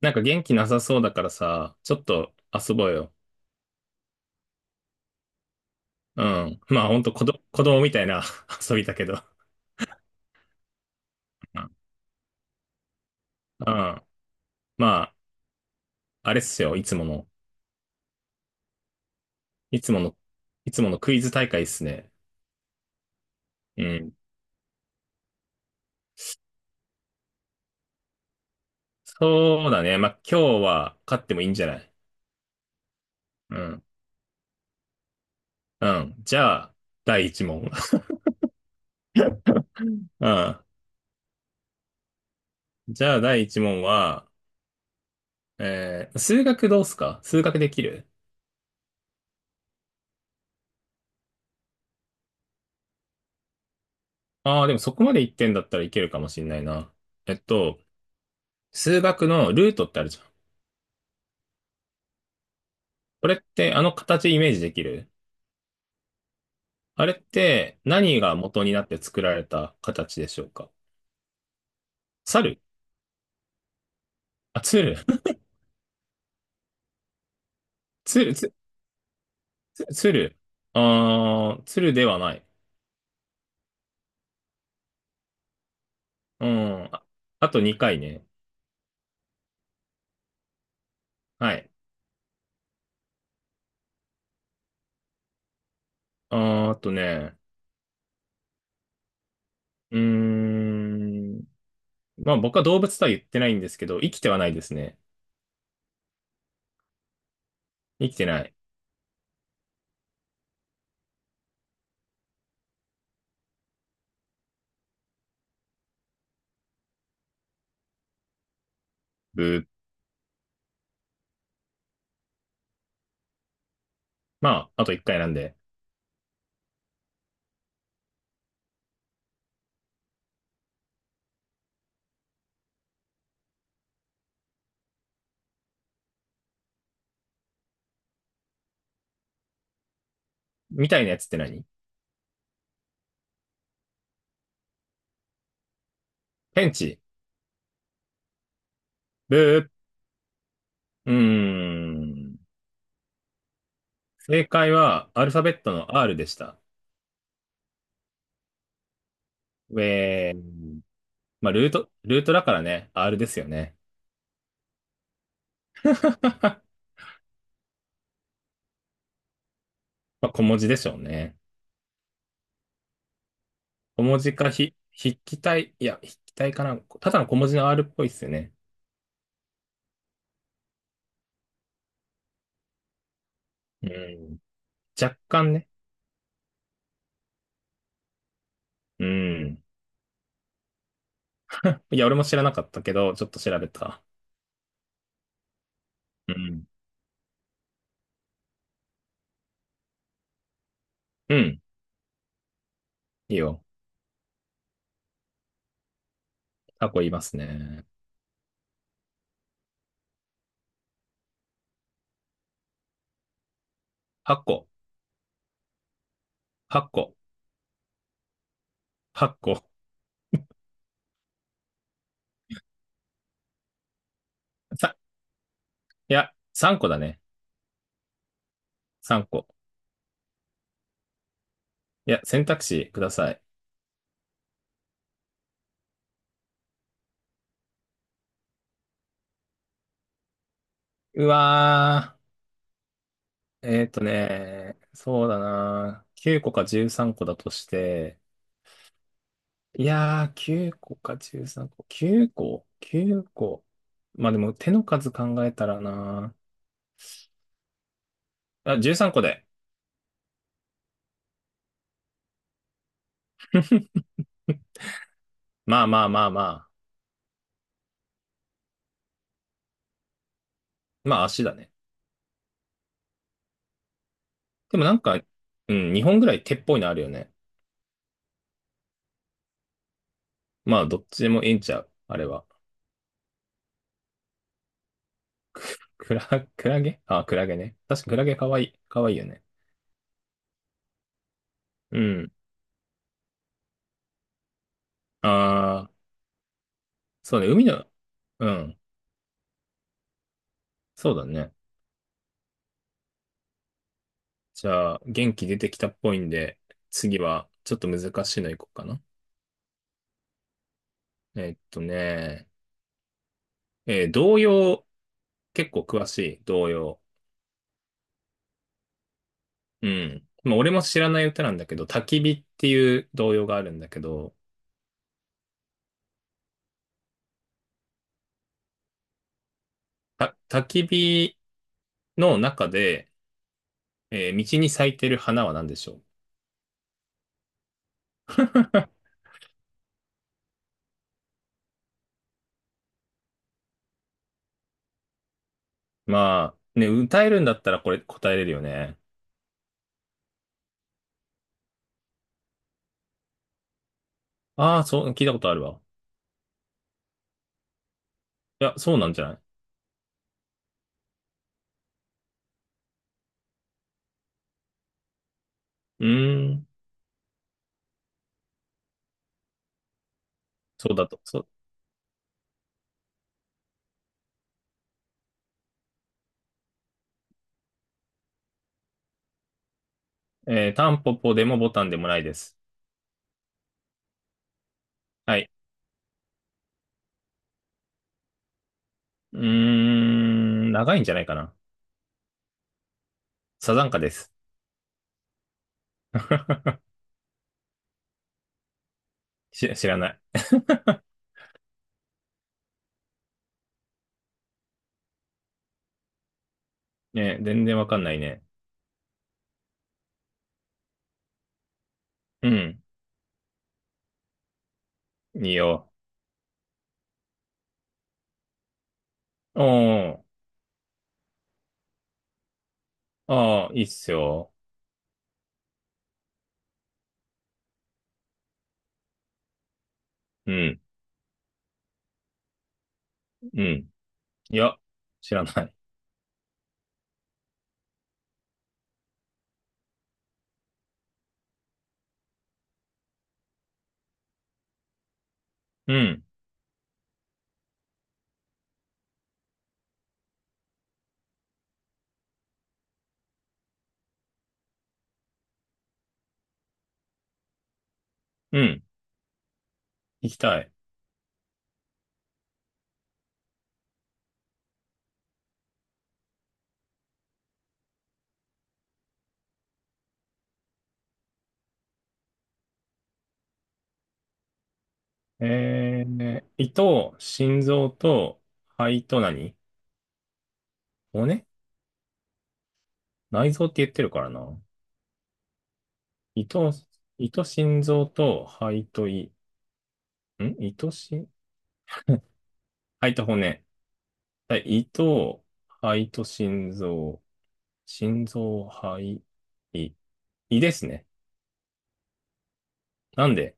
なんか元気なさそうだからさ、ちょっと遊ぼうよ。うん。まあほんと子供みたいな 遊びだけど。うん。うん。まあ、あれっすよ。いつもの、いつもの、いつものクイズ大会っすね。うん。そうだね。まあ今日は勝ってもいいんじゃない？うん。うん。じゃあ、第一問。うん。じゃあ第一問は、数学どうっすか？数学できる？ああー、でもそこまで言ってんだったらいけるかもしんないな。えっと、数学のルートってあるじゃん。これってあの形イメージできる？あれって何が元になって作られた形でしょうか？猿？あ、鶴。 鶴、鶴。鶴ではない。うん。あ、あと2回ね。はい。あとね。うーん。まあ僕は動物とは言ってないんですけど、生きてはないですね。生きてない。ブー。まあ、あと1回なんで。みたいなやつって何？ペンチ。ブー。うーん。正解はアルファベットの R でした。えー、まあ、ルートだからね、R ですよね。まあ、小文字でしょうね。小文字か筆記体、いや、筆記体かな。ただの小文字の R っぽいっすよね。うん。若干ね。うん。いや、俺も知らなかったけど、ちょっと調べた。うん。うん。いいよ。タコ言いますね。8個。8個。8個。さ、いや、3個だね。3個。いや、選択肢ください。うわー。そうだな。9個か13個だとして、いやー、9個か13個。9個？ 9 個。まあでも手の数考えたらな。あ、13個で。まあまあまあまあ。まあ足だね。でもなんか、うん、2本ぐらい手っぽいのあるよね。まあどっちでもいいんちゃう、あれは。クラ、クラゲ、あ、クラゲね。確かクラゲかわいい。かわいいよね。うん。あー、そうね。海の、うん。そうだね。じゃあ、元気出てきたっぽいんで、次はちょっと難しいのいこうかな。えっとね、童謡、結構詳しい、童謡？うん。まあ、俺も知らない歌なんだけど、焚き火っていう童謡があるんだけど、焚き火の中で、道に咲いてる花は何でしょう？まあ、ね、歌えるんだったらこれ答えれるよね。ああ、そう、聞いたことあるわ。いや、そうなんじゃない？うーん、そうだと。そう。タンポポでもボタンでもないです。はい。うーん、長いんじゃないかな。サザンカです。知らない。ね、全然わかんないね。うん。いいよ。おー。ああ、いいっすよ。うん。うん。いや、知らない。うん。うん。行きたい。胃と心臓と肺と何？骨？内臓って言ってるからな。胃と、胃と心臓と肺と胃。胃と肺と骨。はい。胃と、肺と心臓。心臓、肺、胃、胃ですね。なんで、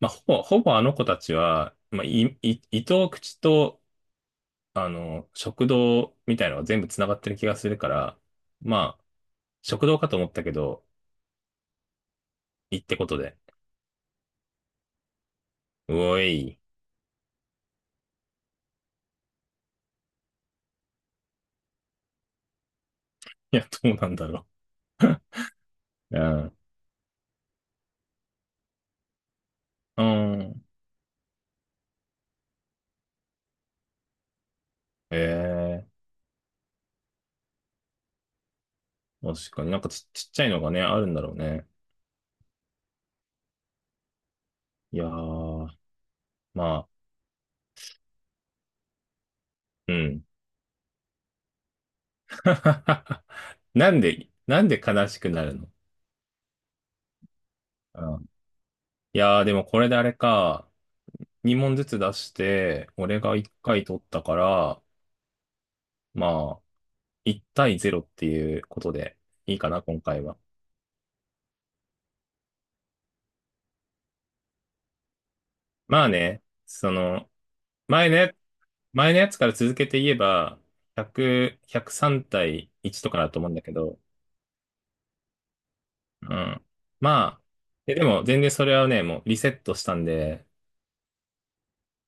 まあ、ほぼあの子たちは、まあ、胃と口と、あの、食道みたいなのが全部つながってる気がするから、まあ、食道かと思ったけど、胃ってことで。うおい。いや、どうなんだろう。うん。うん。ええ、確かになんかちっちゃいのがね、あるんだろうね。いやー、まあ、うん。なんで、なんで悲しくなるの？うん。いやー、でもこれであれか、2問ずつ出して、俺が1回取ったから、まあ、1対0っていうことでいいかな、今回は。まあね、その、前ね、前のやつから続けて言えば、100、103対1とかだと思うんだけど、うん。まあ、でも全然それはね、もうリセットしたんで、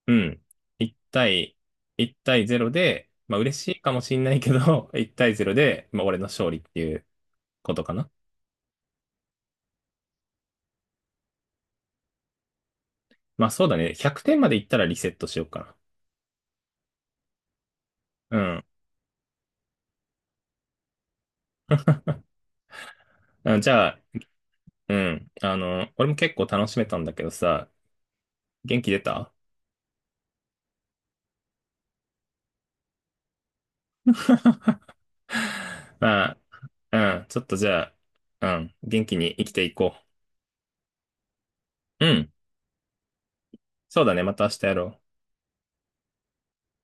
うん。1対、1対0で、まあ嬉しいかもしんないけど、1対0で、まあ俺の勝利っていうことかな。まあそうだね。100点までいったらリセットしようかな。うん。あ、じゃあ、うん。俺も結構楽しめたんだけどさ、元気出た？まあ、うん。ちょっとじゃあ、うん。元気に生きていこう。うん。そうだね。また明日やろう。